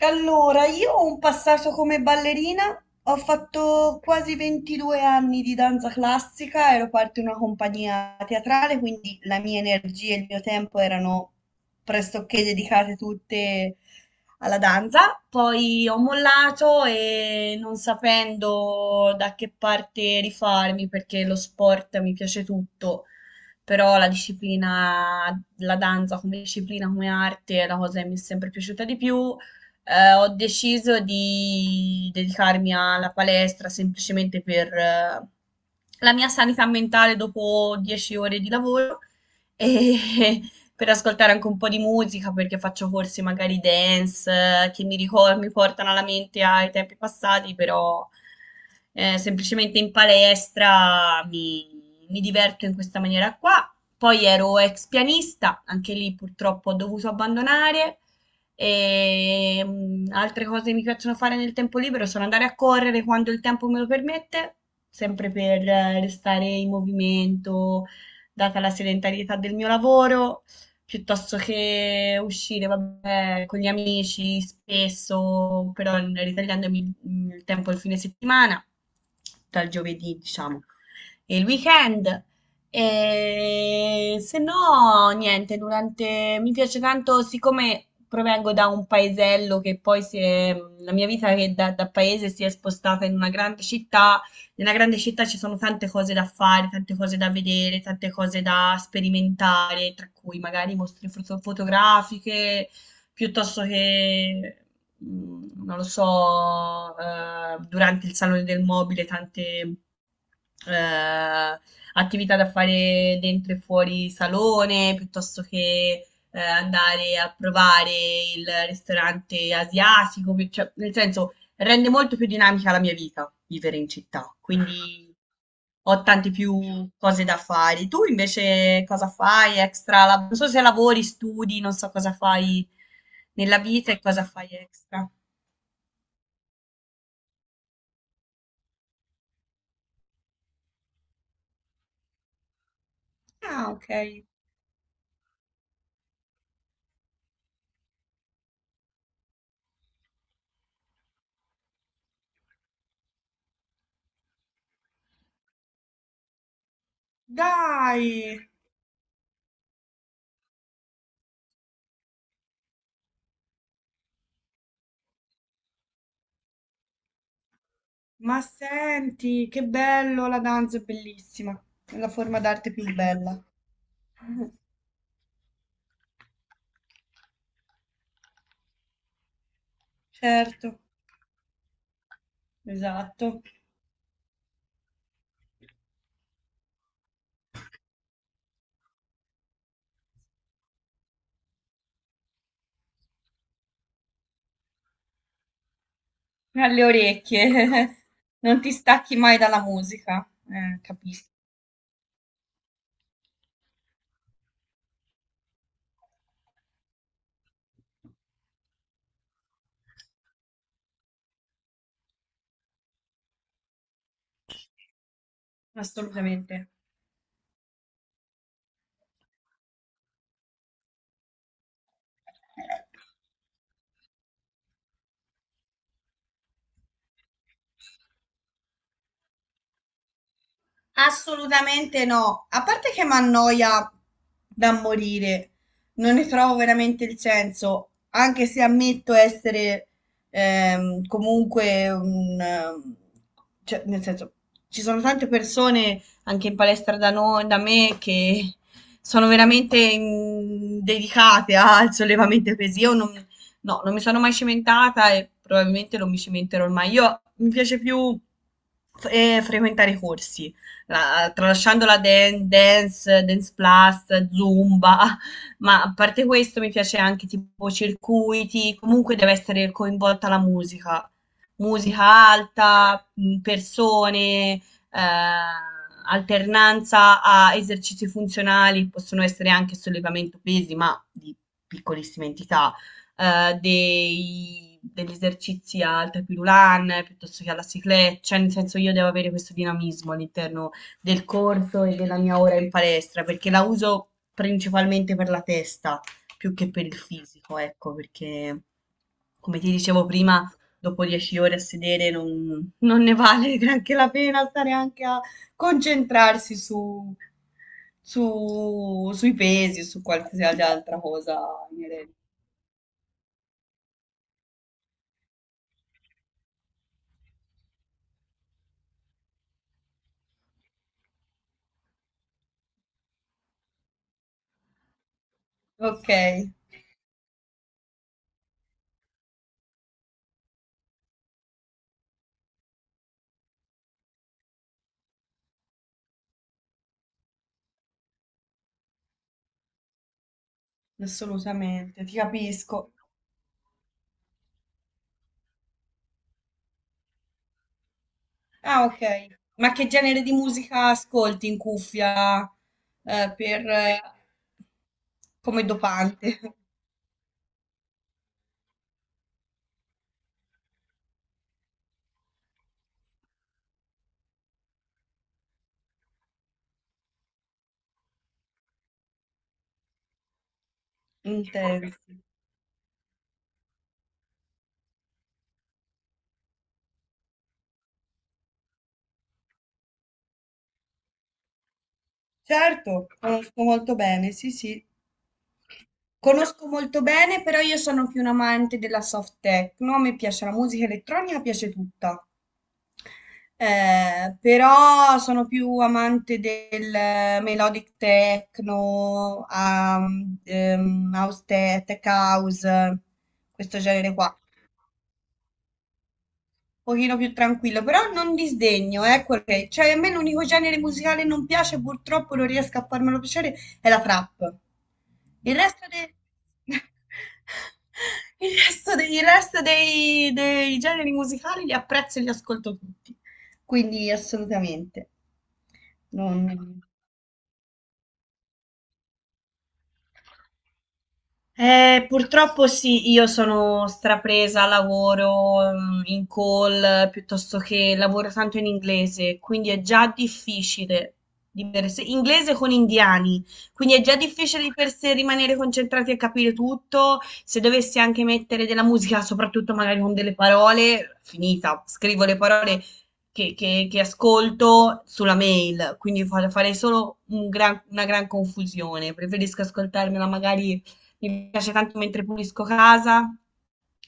Allora, io ho un passato come ballerina, ho fatto quasi 22 anni di danza classica, ero parte di una compagnia teatrale, quindi la mia energia e il mio tempo erano pressoché dedicate tutte alla danza. Poi ho mollato e non sapendo da che parte rifarmi, perché lo sport mi piace tutto, però la disciplina, la danza come disciplina, come arte è la cosa che mi è sempre piaciuta di più, ho deciso di dedicarmi alla palestra semplicemente per la mia sanità mentale dopo 10 ore di lavoro e per ascoltare anche un po' di musica perché faccio corsi magari dance che mi portano alla mente ai tempi passati, però semplicemente in palestra mi diverto in questa maniera qua. Poi ero ex pianista, anche lì purtroppo ho dovuto abbandonare. E altre cose che mi piacciono fare nel tempo libero sono andare a correre quando il tempo me lo permette, sempre per restare in movimento, data la sedentarietà del mio lavoro, piuttosto che uscire, vabbè, con gli amici spesso, però ritagliandomi il tempo il fine settimana, dal giovedì, diciamo, e il weekend. E se no, niente, mi piace tanto, siccome provengo da un paesello che la mia vita che da paese si è spostata in una grande città, nella grande città ci sono tante cose da fare, tante cose da vedere, tante cose da sperimentare, tra cui magari mostre fotografiche, piuttosto che non lo so, durante il salone del mobile tante, ehm, attività da fare dentro e fuori salone, piuttosto che, andare a provare il ristorante asiatico, pi cioè nel senso, rende molto più dinamica la mia vita vivere in città, quindi ho tante più cose da fare. Tu invece cosa fai extra? Non so se lavori, studi, non so cosa fai nella vita e cosa fai extra. Ah, ok. Dai, ma senti, che bello, la danza è bellissima. È la forma d'arte più bella. Certo, esatto. Alle orecchie. Non ti stacchi mai dalla musica. Capisco. Assolutamente. Assolutamente no, a parte che mi annoia da morire, non ne trovo veramente il senso, anche se ammetto essere comunque cioè, nel senso, ci sono tante persone anche in palestra da noi, da me, che sono veramente dedicate al sollevamento pesi. Io non, no, non mi sono mai cimentata e probabilmente non mi cimenterò mai. Io mi piace più frequentare i corsi, tralasciando la dance, dance plus, zumba, ma a parte questo mi piace anche tipo circuiti, comunque deve essere coinvolta la musica, musica alta, persone, alternanza a esercizi funzionali, possono essere anche sollevamento pesi, ma di piccolissime entità, degli esercizi al tapirulan piuttosto che alla ciclette, cioè nel senso io devo avere questo dinamismo all'interno del corso e della mia ora in palestra, perché la uso principalmente per la testa più che per il fisico, ecco, perché come ti dicevo prima, dopo 10 ore a sedere non ne vale neanche la pena stare anche a concentrarsi sui pesi, su qualsiasi altra cosa inerente. Ok, assolutamente, ti capisco. Ah, ok. Ma che genere di musica ascolti in cuffia, eh, per, eh, come dopante? Intenso. Certo, conosco molto bene, sì, sì. Conosco molto bene, però io sono più un amante della soft techno, a me piace la musica elettronica, piace tutta. Però sono più amante del melodic techno, house tech house, questo genere qua, pochino più tranquillo, però non disdegno, ecco che, cioè a me l'unico genere musicale che non piace, purtroppo non riesco a farmelo piacere, è la trap. Il resto dei... Il resto dei, dei generi musicali li apprezzo e li ascolto tutti, quindi assolutamente. Non... purtroppo sì, io sono strapresa, lavoro in call piuttosto che lavoro tanto in inglese, quindi è già difficile di per sé, inglese con indiani, quindi è già difficile di per sé rimanere concentrati e capire tutto. Se dovessi anche mettere della musica, soprattutto magari con delle parole, finita, scrivo le parole che ascolto sulla mail, quindi farei solo una gran confusione. Preferisco ascoltarmela magari, mi piace tanto mentre pulisco casa,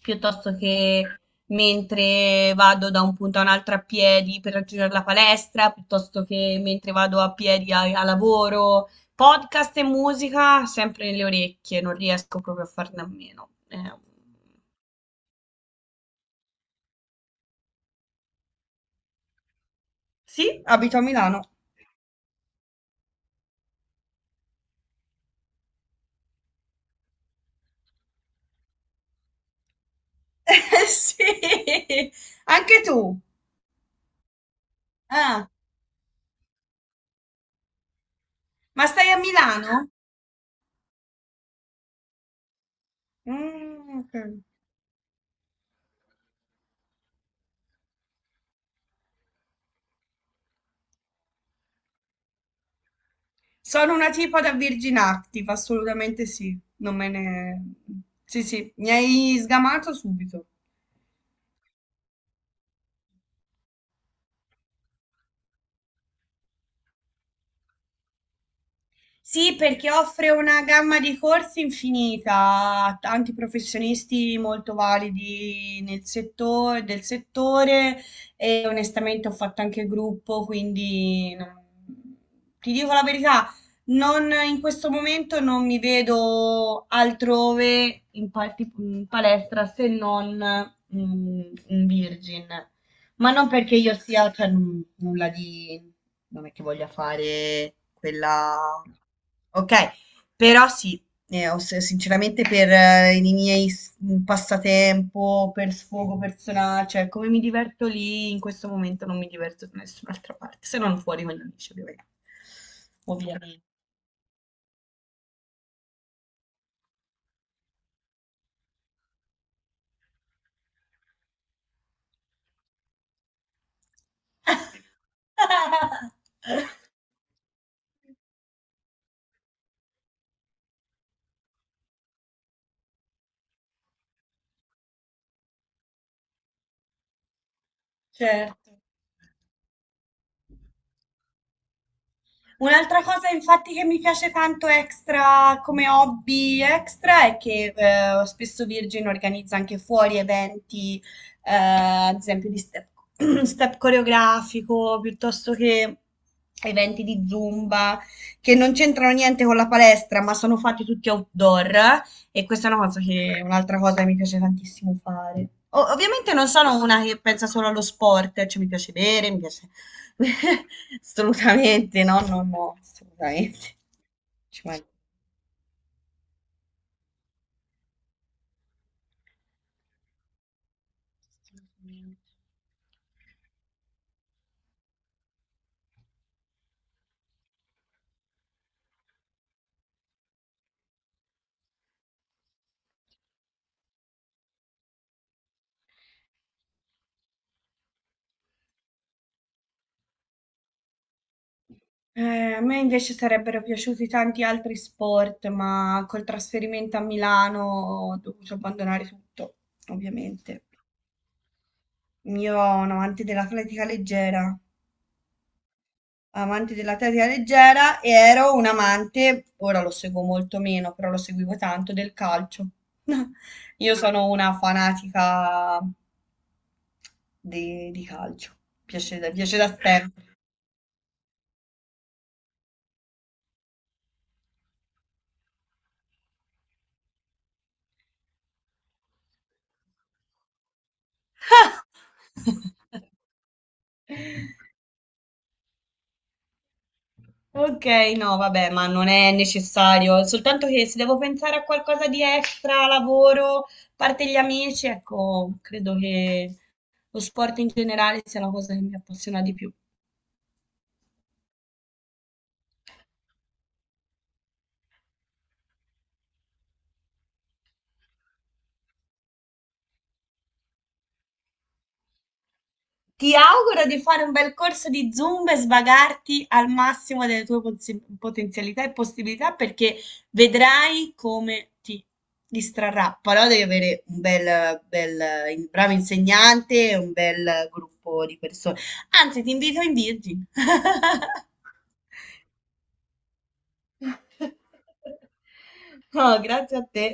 piuttosto che mentre vado da un punto a un altro a piedi per raggiungere la palestra, piuttosto che mentre vado a piedi a lavoro. Podcast e musica sempre nelle orecchie, non riesco proprio a farne a meno. Sì, abito a Milano. Sì, anche tu. Ah, ma stai a Milano? Mm, ok. Sono una tipa da Virgin Active, assolutamente sì. Non me ne... Sì, sì, mi hai sgamato subito. Sì, perché offre una gamma di corsi infinita, tanti professionisti molto validi nel settore, del settore, e onestamente ho fatto anche gruppo, quindi ti dico la verità, non, in questo momento non mi vedo altrove in, in palestra se non mm, in Virgin, ma non perché io sia, cioè, nulla di, non è che voglia fare quella. Okay, però sì, ho s sinceramente per i miei s passatempo, per sfogo persona, cioè come mi diverto lì, in questo momento non mi diverto da nessun'altra parte, se non fuori con gli amici ovviamen Certo. Un'altra cosa infatti che mi piace tanto extra come hobby extra è che spesso Virgin organizza anche fuori eventi, ad esempio di step, step coreografico, piuttosto che eventi di Zumba, che non c'entrano niente con la palestra, ma sono fatti tutti outdoor, e questa è una cosa che, un'altra cosa che mi piace tantissimo fare. Ovviamente non sono una che pensa solo allo sport, cioè mi piace bere, mi piace Assolutamente, no, no, no, assolutamente. Ci manca. A me invece sarebbero piaciuti tanti altri sport, ma col trasferimento a Milano ho dovuto abbandonare tutto, ovviamente. Io ero un amante dell'atletica leggera, amante dell'atletica leggera, e ero un amante, ora lo seguo molto meno, però lo seguivo tanto, del calcio. Io sono una fanatica di calcio. Piace da sempre. Ok, no, vabbè, ma non è necessario, soltanto che se devo pensare a qualcosa di extra, lavoro, a parte gli amici, ecco, credo che lo sport in generale sia la cosa che mi appassiona di più. Ti auguro di fare un bel corso di Zumba e svagarti al massimo delle tue potenzialità e possibilità perché vedrai come ti distrarrà. Però devi avere un bel, bel, bravo insegnante e un bel gruppo di persone. Anzi, ti invito in Virgin. No, grazie a te.